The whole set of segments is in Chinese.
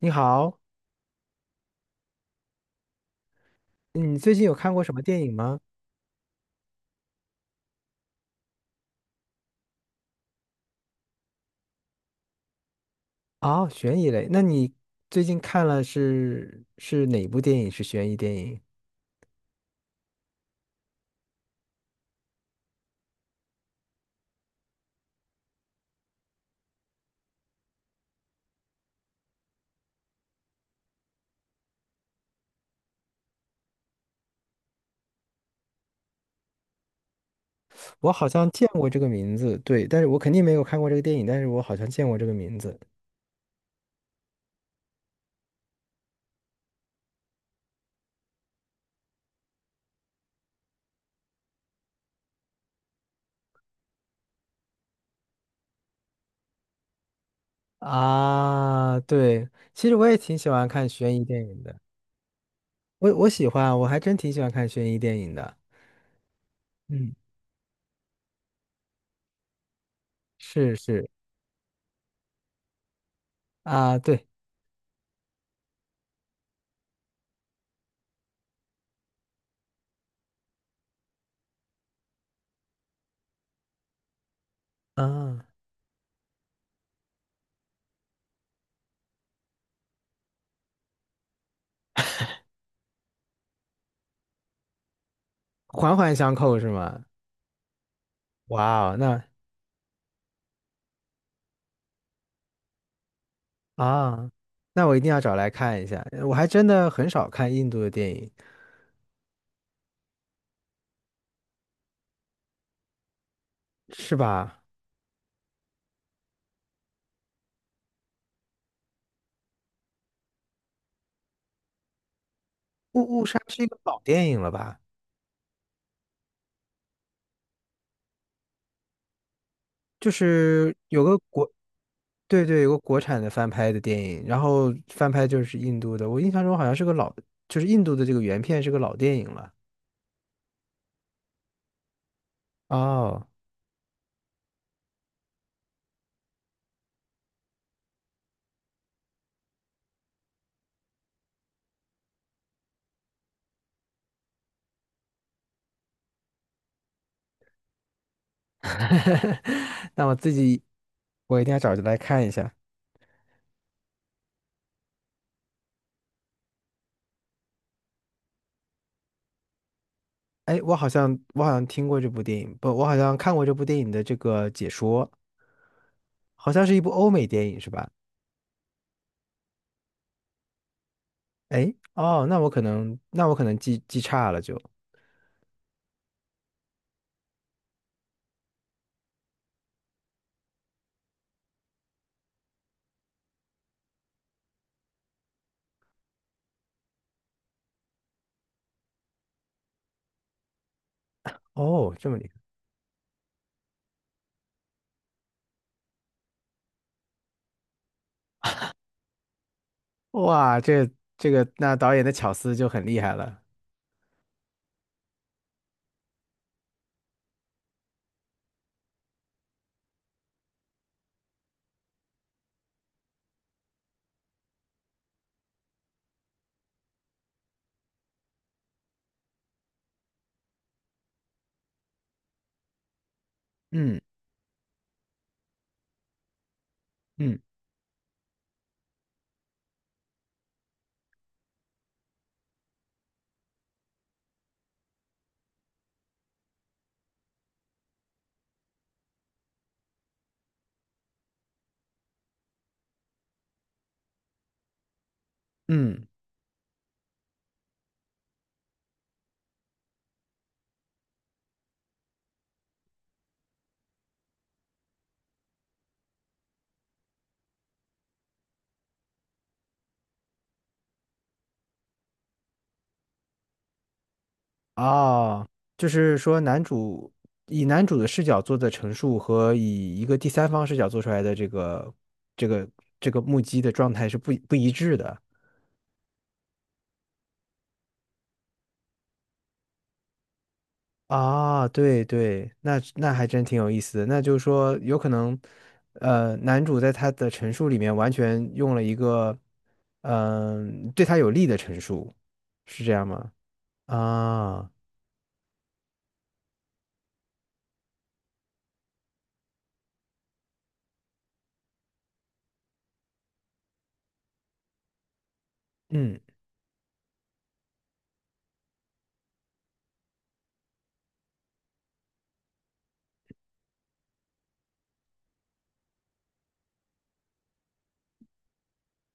你好，你最近有看过什么电影吗？哦，悬疑类，那你最近看了是哪部电影？是悬疑电影？我好像见过这个名字，对，但是我肯定没有看过这个电影，但是我好像见过这个名字。啊，对，其实我也挺喜欢看悬疑电影的，我喜欢，我还真挺喜欢看悬疑电影的。嗯，是是。啊，对。啊，环环相扣是吗？哇哦，那。啊，那我一定要找来看一下。我还真的很少看印度的电影。是吧？《误杀》是一个老电影了吧？就是有个国，对对，有个国产的翻拍的电影，然后翻拍就是印度的。我印象中好像是个老，就是印度的这个原片是个老电影了。哦。那我自己我一定要找着来看一下。哎，我好像听过这部电影，不，我好像看过这部电影的这个解说，好像是一部欧美电影是吧？哎，哦，那我可能记差了就。哦，这么厉害。哇，这这个那导演的巧思就很厉害了。嗯嗯嗯。哦，就是说男主以男主的视角做的陈述和以一个第三方视角做出来的这个这个目击的状态是不一致的。啊，对对，那那还真挺有意思的。那就是说，有可能，男主在他的陈述里面完全用了一个，嗯、对他有利的陈述，是这样吗？啊，嗯，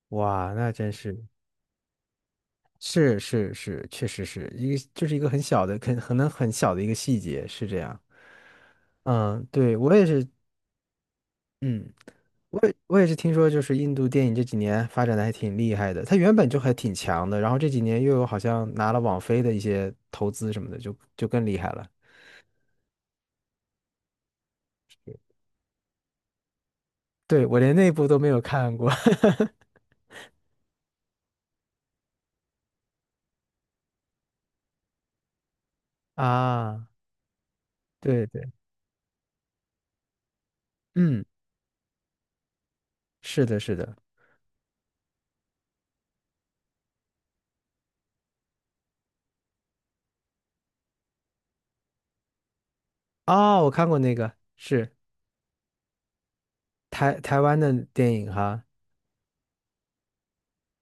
哇，那真是，是是是，确实是一个，就是一个很小的，可能很小的一个细节，是这样。嗯，对，我也是。嗯。我也是听说，就是印度电影这几年发展的还挺厉害的，它原本就还挺强的，然后这几年又有好像拿了网飞的一些投资什么的，就更厉害了。对，我连那部都没有看过。 啊，对对，嗯，是的，是的。哦，我看过那个，是台湾的电影哈。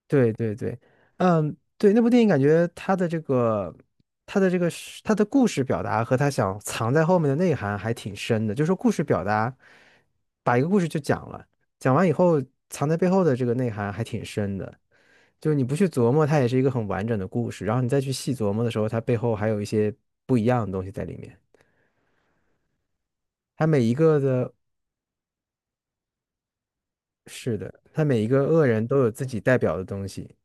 对对对，嗯，对，那部电影感觉他的这个，他的这个是，它的故事表达和他想藏在后面的内涵还挺深的。就是说，故事表达，把一个故事就讲了，讲完以后藏在背后的这个内涵还挺深的。就是你不去琢磨，它也是一个很完整的故事。然后你再去细琢磨的时候，它背后还有一些不一样的东西在里面。它每一个的，是的，它每一个恶人都有自己代表的东西。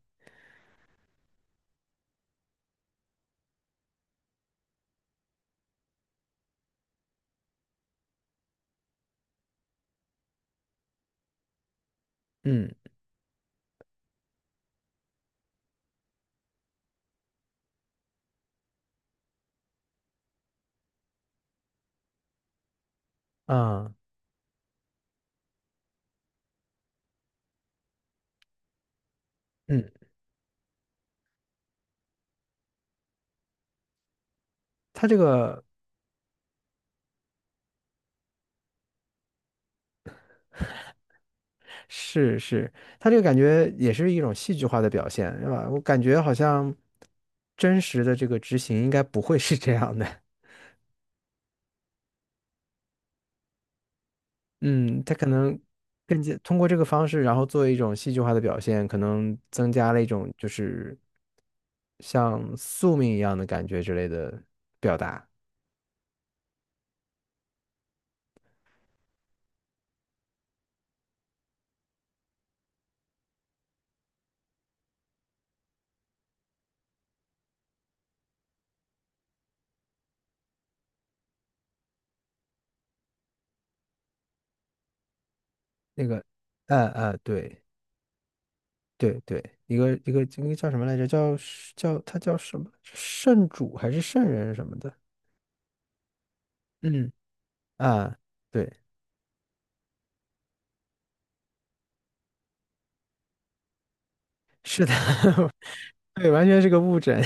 嗯啊，嗯，它这个。是是，他这个感觉也是一种戏剧化的表现，是吧？我感觉好像真实的这个执行应该不会是这样的。嗯，他可能更加通过这个方式，然后做一种戏剧化的表现，可能增加了一种就是像宿命一样的感觉之类的表达。那个，对对对，一个一个一个叫什么来着？叫叫他叫什么？圣主还是圣人什么的？嗯啊，对。是的，对，完全是个误诊。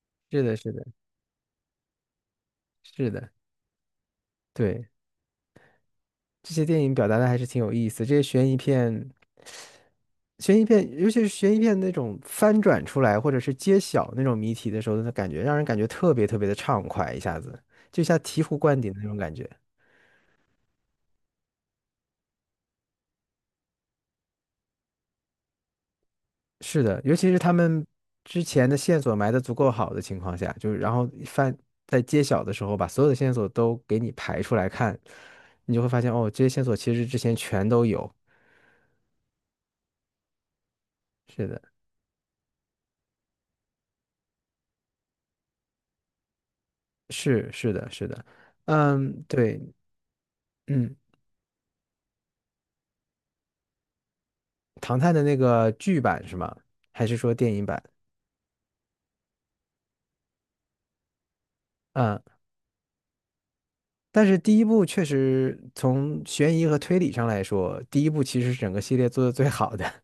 是的，是的，是的，对，这些电影表达的还是挺有意思。这些悬疑片，悬疑片，尤其是悬疑片那种翻转出来，或者是揭晓那种谜题的时候，那感觉让人感觉特别特别的畅快，一下子就像醍醐灌顶的那种感觉。是的，尤其是他们之前的线索埋得足够好的情况下，就是然后翻在揭晓的时候，把所有的线索都给你排出来看，你就会发现哦，这些线索其实之前全都有。是的。是是的，是的，嗯，对。嗯，唐探的那个剧版是吗？还是说电影版？嗯，但是第一部确实从悬疑和推理上来说，第一部其实是整个系列做的最好的。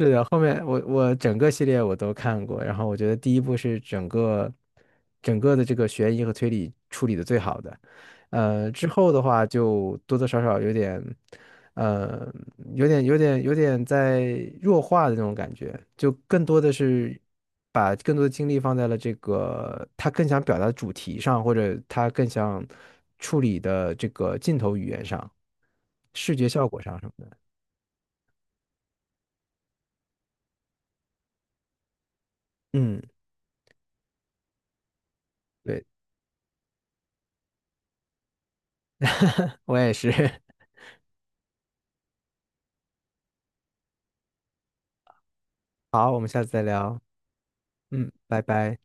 是的，后面我整个系列我都看过，然后我觉得第一部是整个的这个悬疑和推理处理的最好的，呃，之后的话就多多少少有点，呃，有点在弱化的那种感觉，就更多的是把更多的精力放在了这个他更想表达的主题上，或者他更想处理的这个镜头语言上、视觉效果上什么的。嗯，对，我也是。好，我们下次再聊。嗯，拜拜。